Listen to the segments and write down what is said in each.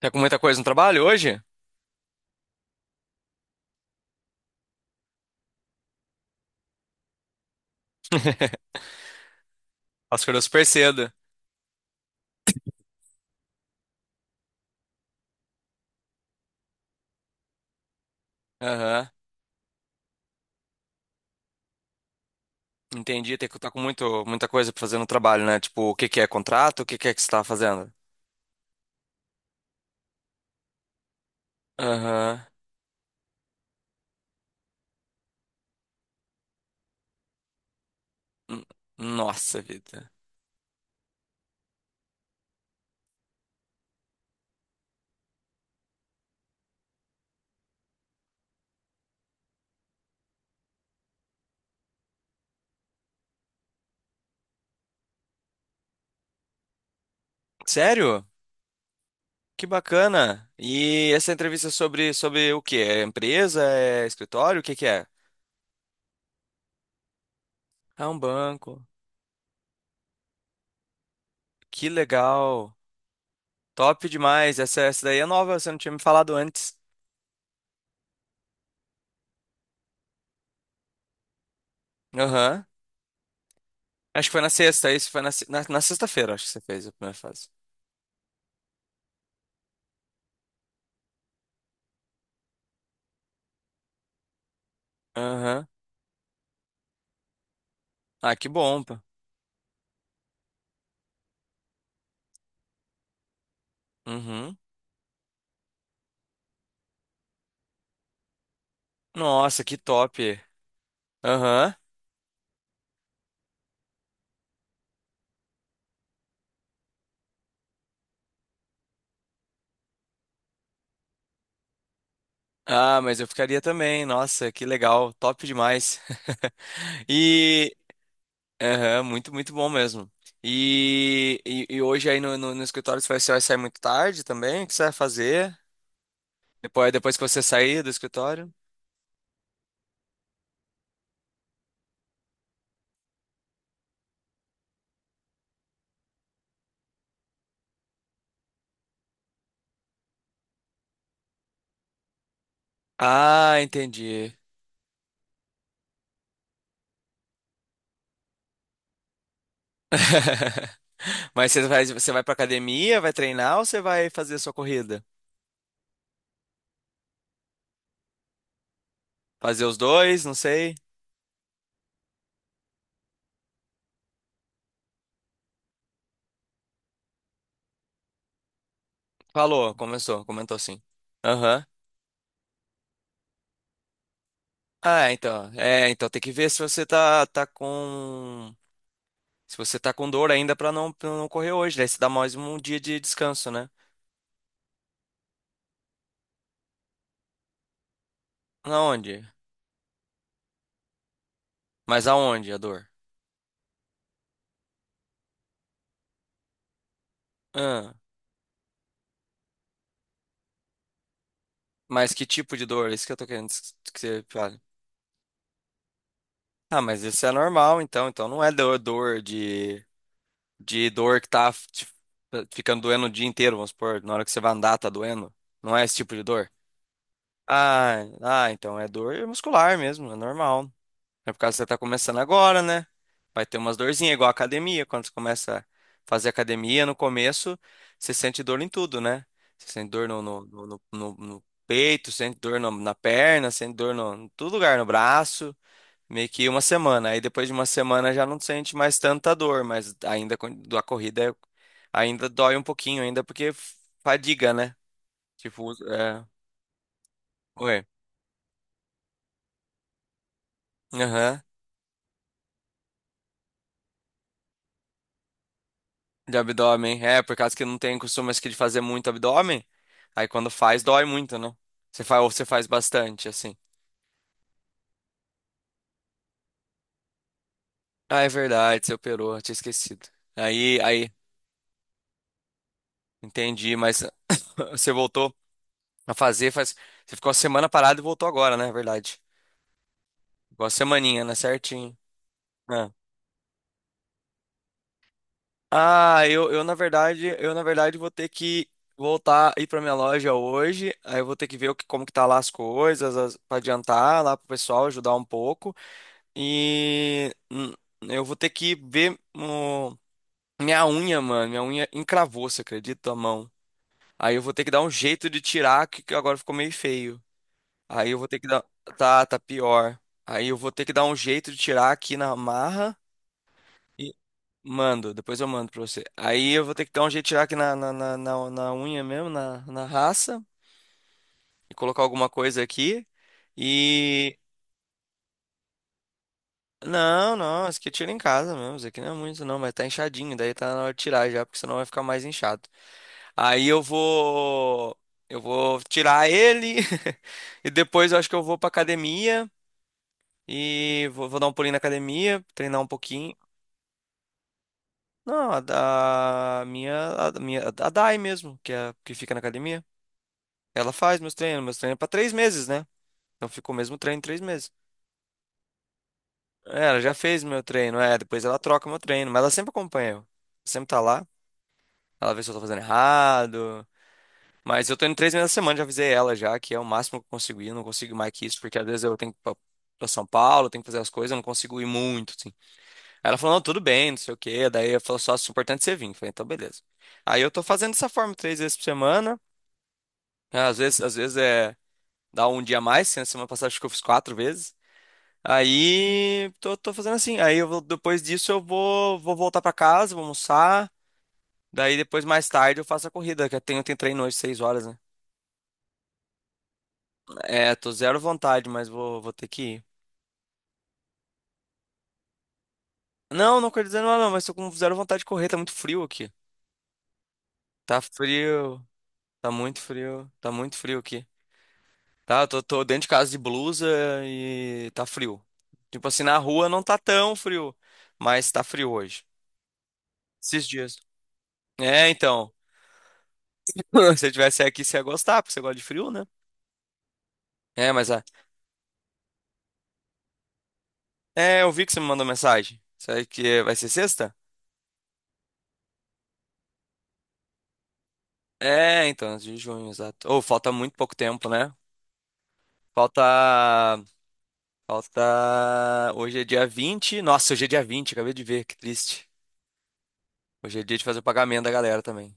Tá com muita coisa no trabalho hoje? Nossa, acordou super cedo. Aham. Entendi. Tem que estar com muita coisa pra fazer no trabalho, né? Tipo, o que que é contrato? O que que é que você tá fazendo? Aham. N- Nossa vida. Sério? Que bacana. E essa entrevista é sobre o quê? É empresa? É escritório? O que que é? É um banco. Que legal. Top demais. Essa daí é nova, você não tinha me falado antes. Aham. Acho que foi na sexta, isso foi na, se- na, na sexta-feira, acho que você fez a primeira fase. Aham. Ah, que bom, pô. Uhum. Nossa, que top. Aham. Ah, mas eu ficaria também. Nossa, que legal. Top demais. E. Aham, muito, muito bom mesmo. E hoje aí no escritório você vai sair muito tarde também? O que você vai fazer? Depois que você sair do escritório? Ah, entendi. Mas você vai pra academia, vai treinar ou você vai fazer a sua corrida? Fazer os dois, não sei. Falou, começou, comentou assim. Ah, então. É, então tem que ver se você tá com. Se você tá com dor ainda pra não correr hoje. Daí você dá mais um dia de descanso, né? Aonde? Mas aonde a dor? Ah, mas que tipo de dor? É isso que eu tô querendo que você fale. Ah, mas isso é normal, então. Então não é dor de dor que tá ficando doendo o dia inteiro, vamos supor. Na hora que você vai andar, tá doendo. Não é esse tipo de dor? Ah, ah, então é dor muscular mesmo, é normal. É por causa que você tá começando agora, né? Vai ter umas dorzinhas, igual a academia. Quando você começa a fazer academia, no começo, você sente dor em tudo, né? Você sente dor no peito, sente dor na perna, sente dor em todo lugar, no braço. Meio que uma semana. Aí depois de uma semana já não sente mais tanta dor, mas ainda da corrida ainda dói um pouquinho, ainda porque fadiga, né? Tipo, é... Oi. Aham. De abdômen. É, por causa que não tem costume acho que, de fazer muito abdômen. Aí quando faz, dói muito, né? Ou você faz bastante, assim. Ah, é verdade, você operou, eu tinha esquecido. Aí, entendi, mas você voltou a fazer, faz. Você ficou uma semana parada e voltou agora, né? É verdade. Ficou uma semaninha, né? Certinho. É. Ah, eu na verdade vou ter que voltar ir pra minha loja hoje. Aí eu vou ter que ver o que, como que tá lá as coisas, pra adiantar lá pro pessoal, ajudar um pouco. E eu vou ter que ver minha unha, mano. Minha unha encravou, você acredita, a mão? Aí eu vou ter que dar um jeito de tirar, que agora ficou meio feio. Aí eu vou ter que dar. Tá, tá pior. Aí eu vou ter que dar um jeito de tirar aqui na marra. E mando, depois eu mando pra você. Aí eu vou ter que dar um jeito de tirar aqui na unha mesmo, na raça. E colocar alguma coisa aqui. Não, não, esse aqui eu tiro em casa mesmo. Esse aqui não é muito, não, mas tá inchadinho. Daí tá na hora de tirar já, porque senão vai ficar mais inchado. Aí eu vou. Eu vou tirar ele. E depois eu acho que eu vou pra academia. E vou dar um pulinho na academia, treinar um pouquinho. Não, a minha. Da minha, a Dai mesmo, que fica na academia. Ela faz meus treinos. Meus treinos é pra 3 meses, né? Então ficou o mesmo treino 3 meses. É, ela já fez meu treino, é. Depois ela troca meu treino, mas ela sempre acompanha eu. Sempre tá lá. Ela vê se eu tô fazendo errado. Mas eu tô indo 3 meses na semana, já avisei ela já, que é o máximo que eu consigo ir. Eu não consigo ir mais que isso, porque às vezes eu tenho que ir pra São Paulo, tenho que fazer as coisas, eu não consigo ir muito, assim. Aí ela falou, não, tudo bem, não sei o quê. Daí eu falou, só, é importante você vir. Eu falei, então beleza. Aí eu tô fazendo dessa forma, 3 vezes por semana. Às vezes é, dá um dia a mais, assim, na semana passada acho que eu fiz 4 vezes. Aí tô fazendo assim. Aí eu depois disso eu vou voltar pra casa, vou almoçar. Daí depois mais tarde eu faço a corrida, que eu tenho treino hoje 6 horas, né? É, tô zero vontade, mas vou ter que ir. Não, não quero dizer não, não, mas tô com zero vontade de correr, tá muito frio aqui. Tá frio, tá muito frio, tá muito frio aqui. Tá, eu tô dentro de casa de blusa e tá frio. Tipo assim, na rua não tá tão frio, mas tá frio hoje. Esses dias. É, então. Se eu tivesse aqui, você ia gostar, porque você gosta de frio, né? É, mas é, eu vi que você me mandou mensagem. Será que é, vai ser sexta? É, então, antes de junho, exato. Ou falta muito pouco tempo, né? Falta. Falta. Hoje é dia 20. Nossa, hoje é dia 20, acabei de ver, que triste. Hoje é dia de fazer o pagamento da galera também.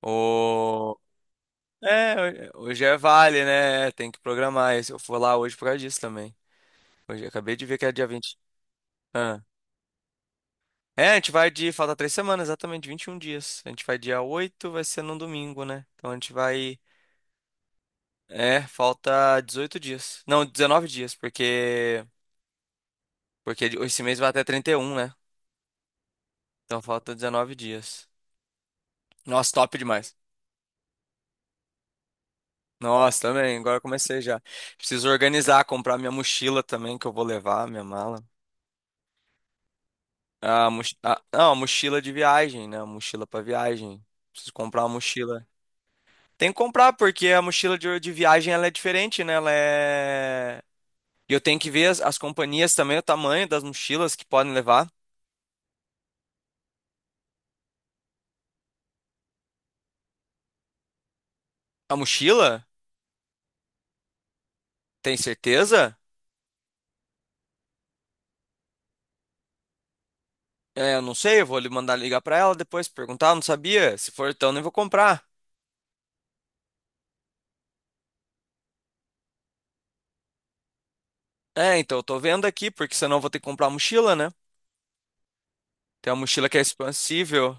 O... É, hoje é vale, né? Tem que programar. Eu for lá hoje por causa disso também. Hoje acabei de ver que é dia 20. Ah. É, a gente vai de. Falta 3 semanas, exatamente, 21 dias. A gente vai dia 8, vai ser num domingo, né? Então a gente vai. É, falta 18 dias. Não, 19 dias, porque. Porque esse mês vai até 31, né? Então falta 19 dias. Nossa, top demais. Nossa, também, agora eu comecei já. Preciso organizar, comprar minha mochila também, que eu vou levar, minha mala. Ah, não, mochila de viagem, né? Mochila pra viagem. Preciso comprar uma mochila. Tem que comprar, porque a mochila de viagem ela é diferente, né? Ela é. E eu tenho que ver as companhias também, o tamanho das mochilas que podem levar. A mochila? Tem certeza? É, eu não sei, eu vou lhe mandar ligar pra ela depois, perguntar, eu não sabia. Se for então, nem vou comprar. É, então eu tô vendo aqui, porque senão eu vou ter que comprar a mochila, né? Tem uma mochila que é expansível.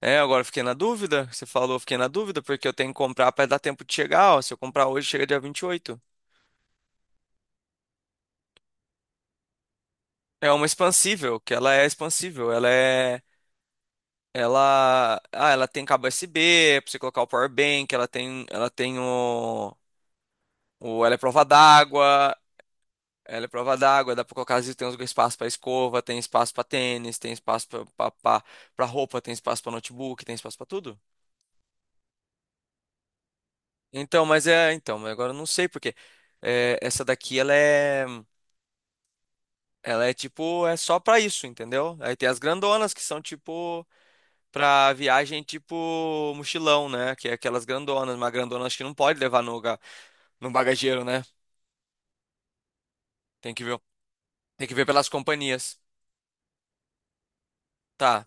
É, agora eu fiquei na dúvida. Você falou, eu fiquei na dúvida, porque eu tenho que comprar para dar tempo de chegar. Ó, se eu comprar hoje, chega dia 28. É uma expansível, que ela é expansível. Ela é. Ela. Ah, ela tem cabo USB, pra você colocar o power bank, ela tem. Ela tem o. Ela é prova d'água. Ela é prova d'água, dá pra colocar, às vezes tem espaço pra escova, tem espaço pra tênis, tem espaço pra roupa, tem espaço pra notebook, tem espaço pra tudo. Então, mas é, então, mas agora eu não sei porque essa daqui ela é, tipo, é só pra isso, entendeu? Aí tem as grandonas que são tipo pra viagem tipo mochilão, né? Que é aquelas grandonas, mas grandona acho que não pode levar no bagageiro, né? Tem que ver, tem que ver pelas companhias. Tá,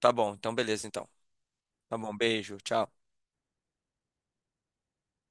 tá bom, então beleza, então. Tá bom, beijo, tchau.